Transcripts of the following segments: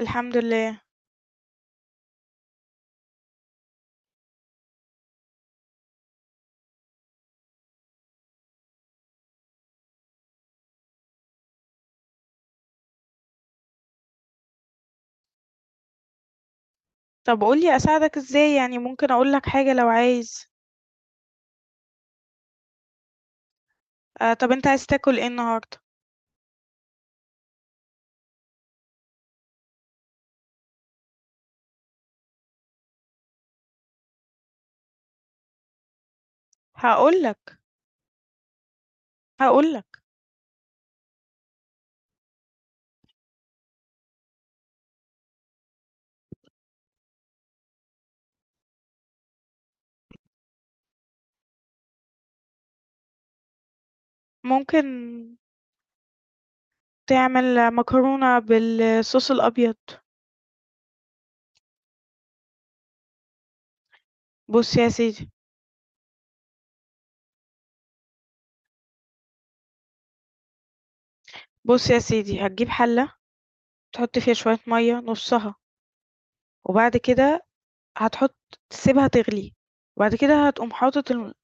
الحمد لله. طب قولي اساعدك ازاي، يعني ممكن اقولك حاجة لو عايز. آه، طب انت عايز تاكل ايه النهاردة؟ هقولك هقولك، ممكن تعمل مكرونة بالصوص الابيض. بص يا سيدي بص يا سيدي، هتجيب حلة تحط فيها شوية مية نصها، وبعد كده هتحط، تسيبها تغلي، وبعد كده هتقوم حاطط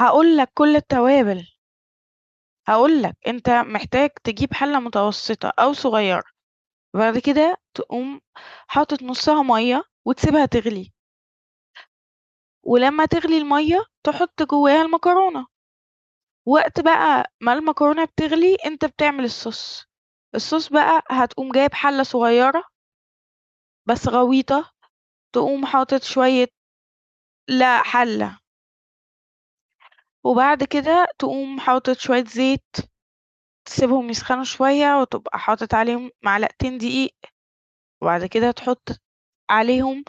هقولك كل التوابل. هقولك انت محتاج تجيب حلة متوسطة او صغيرة، بعد كده تقوم حاطط نُصّها مَيّة وتسيبها تغلي، ولمّا تغلي المَيّة تحُط جواها المكرونة، وقت بقى ما المكرونة بتغلي أنت بتعمل الصوص، الصوص بقى هتقوم جايب حلة صغيرة بس غويطة، تقوم حاطط شوية، لأ حلة، وبعد كده تقوم حاطط شوية زيت، تسيبهم يسخنوا شوية وتبقى حاطط عليهم معلقتين دقيق، وبعد كده تحُط عليهم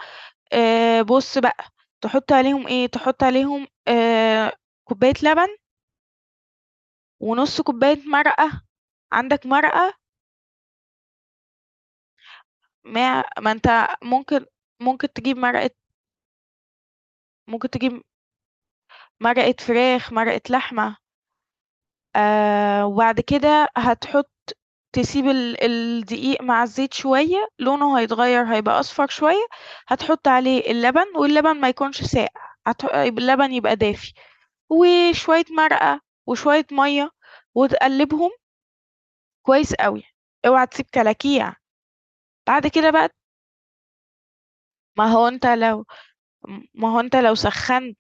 بُص بقى، تحُط عليهم إيه، تحُط عليهم كوباية لبن ونُص كوباية مرقة، عندك مرقة؟ مع ما أنت ممكن ممكن تجيب مرقة، ممكن تجيب مرقة فراخ، مرقة لحمة، وبعد كده هتحُط، تسيب الدقيق مع الزيت شوية، لونه هيتغيّر هيبقى أصفر شوية، هتحُط عليه اللبن واللبن ما يكونش ساقع، اللبن يبقى دافي، وشوية مرقة وشوية مَيّة وتقلّبهم كويس أوي، اوعى تسيب كلاكيع، بعد كده بقى ما هو أنت لو ما هو أنت لو سخّنت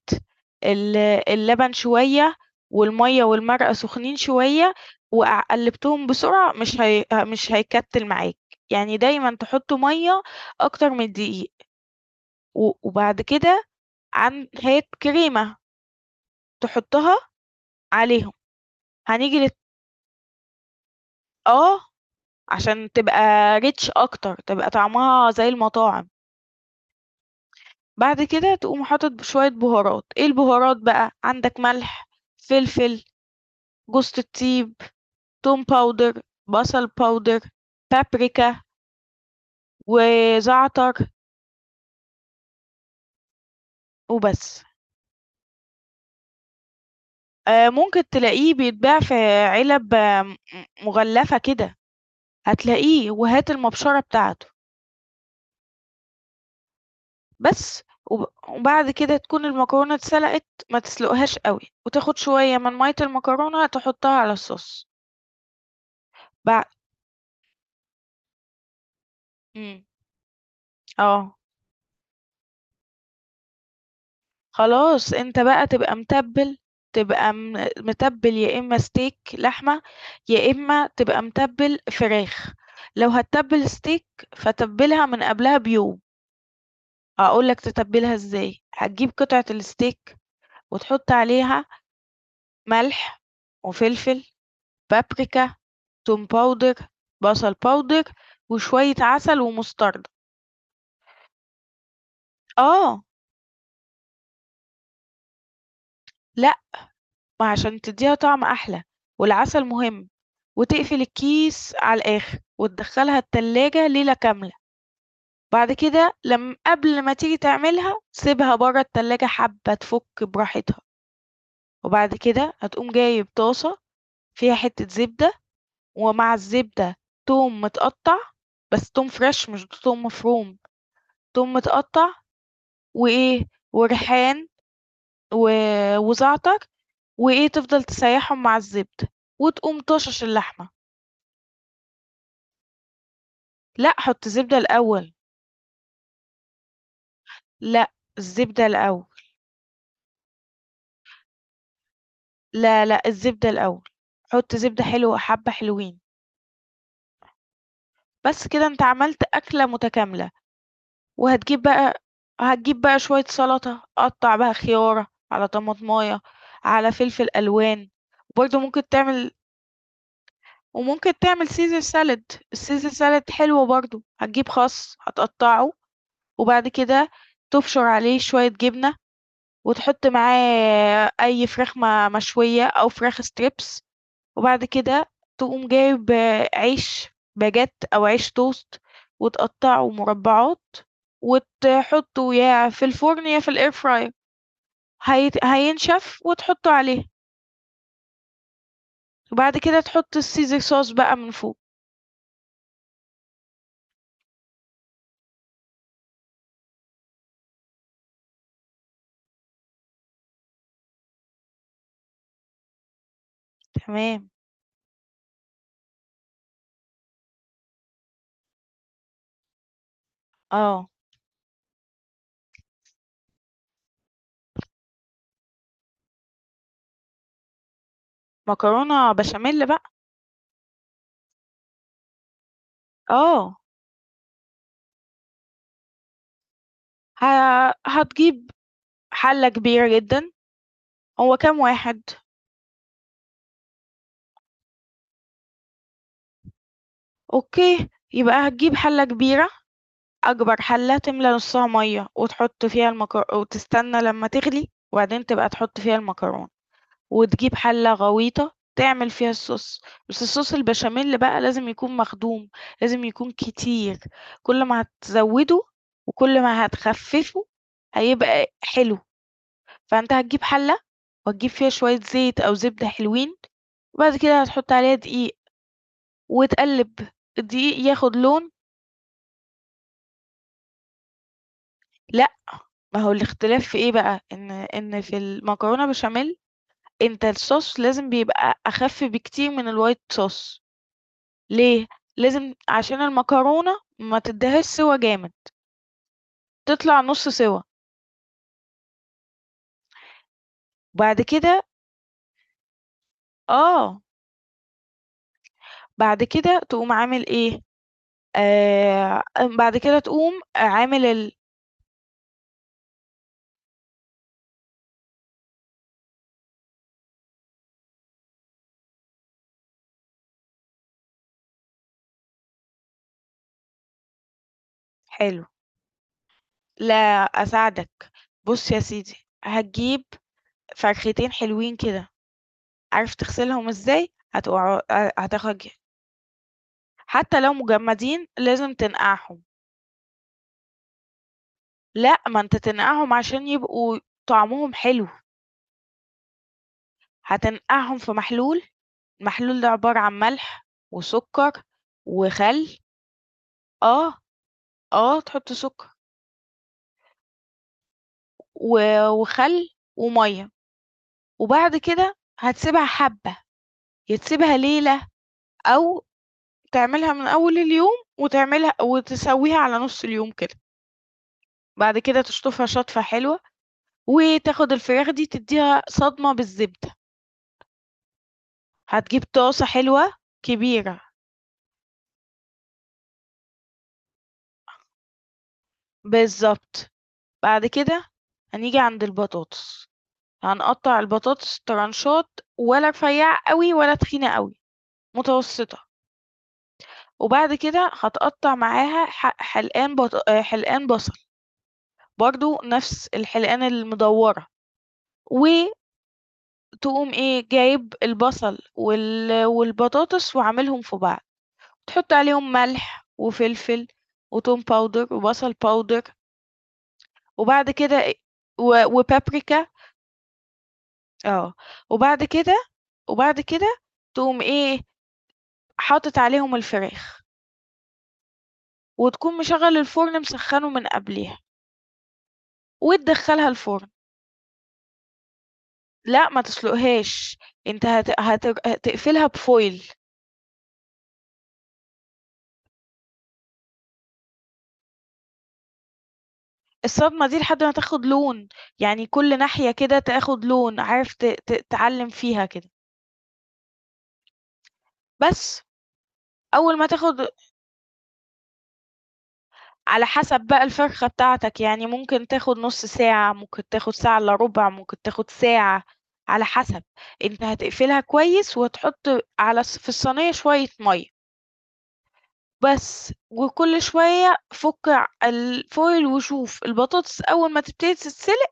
ال اللبن شوية، والمَيّة والمرقة سخنين شوية، وقع قلّبتهم بسرعة، مش هيكتّل معاك، يعني دايمًا تحط مَيّة أكتر من الدقيق، وبعد كده هات كريمة تحطها عليهم، هنيجي للت آه، عشان تبقى rich أكتر، تبقى طعمها زي المطاعم. بعد كده تقوم حاطط شوية بهارات، إيه البهارات بقى، عندك ملح، فلفل، جوزة الطيب، توم باودر، بصل باودر، بابريكا وزعتر وبس. ممكن تلاقيه بيتباع في علب آه، مغلفة كده، هتلاقيه وهات المبشرة بتاعته بس. وبعد كده تكون المكرونة اتسلقت، ما تسلقهاش أوي، وتاخد شوية من مَيّة المكرونة تحطها على الصوص. بع إمم، آه. خلاص انت بقى تبقى متبل، تبقى متبل، يا اما ستيك لحمة يا اما تبقى متبل فراخ، لو هتتبل ستيك فتبلها من قبلها بيوم. هقولك تتبلها ازاي، هتجيب قطعة الستيك وتحط عليها ملح وفلفل بابريكا توم باودر بصل باودر وشوية عسل ومستردة. اه. لا، ما عشان تدّيها طعم أحلى، والعسل مهم، وتقفل الكيس على الآخر، وتدخّلها التلاجة ليلة كاملة، بعد كده لم قبل ما تيجي تعملها سيبها برّه التلاجة حبّة تفُك براحتها، وبعد كده هتقوم جايب طاسة فيها حتّة زبدة، ومع الزبدة توم متقطّع، بس توم فريش مش توم مفروم، توم متقطّع وإيه، وريحان و وزعتر وإيه، تفضل تسيّحهم مع الزبدة، وتقوم طاشش اللحمة. لأ، حُط زبدة الأول. لأ، الزبدة الأول. لا، لأ، الزبدة الأول. حُط زبدة حلوة حبّة حلوين، بس كده أنت عملت أكلة متكاملة، وهتجيب بقى هتجيب بقى شوية سَلطة، قطّع بقى خيارة، على طماطماية، على فلفل ألوان، وبرضه ممكن تعمل، وممكن تعمل Caesar salad، الCaesar salad حلو برضه، هتجيب خَس هتقطّعه، وبعد كده تبشر عليه شوية جبنة وتحط معاه أي فراخ مشوية أو فراخ ستريبس، وبعد كده تقوم جايب آه، عيش باجيت أو عيش توست، وتقطعه مربعات، وتحطه يا في الفرن يا في الاير فراير، هينشف وتحطه عليه، وبعد كده تحط السيزر صوص بقى من فوق. تمام. اه، مكرونة بشاميل بقى. اه، ه... هتجيب حلة كبيرة جدا، هو كام واحد؟ اوكي، يبقى هتجيب حلة كبيرة، اكبر حلة، تملى نصها مية وتحط فيها وتستنى لما تغلي وبعدين تبقى تحط فيها المكرونة، وتجيب حلة غويطة تعمل فيها الصوص. بس الصوص البشاميل بقى لازم يكون مخدوم، لازم يكون كتير، كل ما هتزوده وكل ما هتخففه هيبقى حلو، فانت هتجيب حلة وتجيب فيها شوية زيت او زبدة حلوين، وبعد كده هتحط عليها دقيق وتقلب الدقيق ياخد لون. لأ، ما هو الاختلاف في إيه بقى، إن في المكرونة بشاميل أنت الsauce لازم بيبقى أخَف بكتير من الwhite sauce، ليه؟ لازم عشان المكرونة ما تدّيهاش سِوَى جامد، تطلع نُص سِوَى، وبعد كده آه، بعد كده تقوم عامل إيه، آآ، بعد كده تقوم عامل حلو. لا أساعدك، بُص يا سيدي، هتجيب فرختين حلوين كده، عارف تغسلهم إزاي؟ هتاخد، حتى لو مجمدين لازم تنقعهم. لأ، ما أنت تنقعهم عشان يبقوا طعمهم حلو، هتنقعهم في محلول، المحلول ده عبارة عن ملح وسكر وخل. آه، آه، تحط سكر و وخل ومَيّة، وبعد كده هتسيبها حبة، يا تسيبها ليلة أو تعملها من أول اليوم وتعملها وتسويها على نُص اليوم كده، بعد كده تشطفها شطفة حلوة وتاخد الفراخ دي تدّيها صدمة بالزبدة. هتجيب طاسة حلوة كبيرة. بالظبط. بعد كده هنيجي عند البطاطس، هنقطع البطاطس طرنشات، ولا رفيعة قوي ولا تخينة قوي، متوسطة، وبعد كده هتقطع معاها حلقان آه، حلقان بصل، برضو نفس الحلقان المدورة، وتقوم ايه جايب البصل والبطاطس وعاملهم في بعض، تحط عليهم ملح وفلفل وتوم باودر وبصل باودر، وبعد كده وبابريكا آه، وبعد كده وبعد كده تقوم إيه، حاطط عليهم الفراخ، وتكون مشغّل الفرن مسخّنه من قبليها، وتدخّلها الفرن. لأ ما تسلقهاش، أنت هت هتر تقفلها بfoil. الصدمة دي لحد ما تاخد لون، يعني كل ناحية كده تاخد لون، عارف ت ت تعلّم فيها كده، بس أول ما تاخد، على حسب بقى الفرخة بتاعتك يعني ممكن تاخد نص ساعة، ممكن تاخد ساعة إلا ربع، ممكن تاخد ساعة، على حسب. انت هتقفلها كويس وتحط على في الصينية شوية مية بس، وكل شوية فك الفويل وشوف البطاطس، أول ما تبتدي تتسلق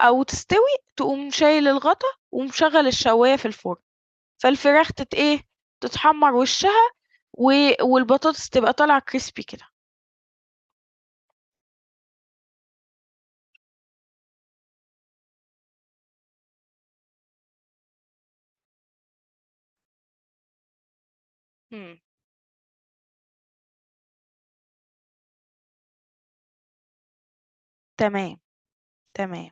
أو تستوي تقوم شايل الغطا ومشغل الشواية في الفرن، فالفراخ ايه تتحمر وشها، و... والبطاطس تبقى طالعة كريسبي كده. مم. تمام تمام.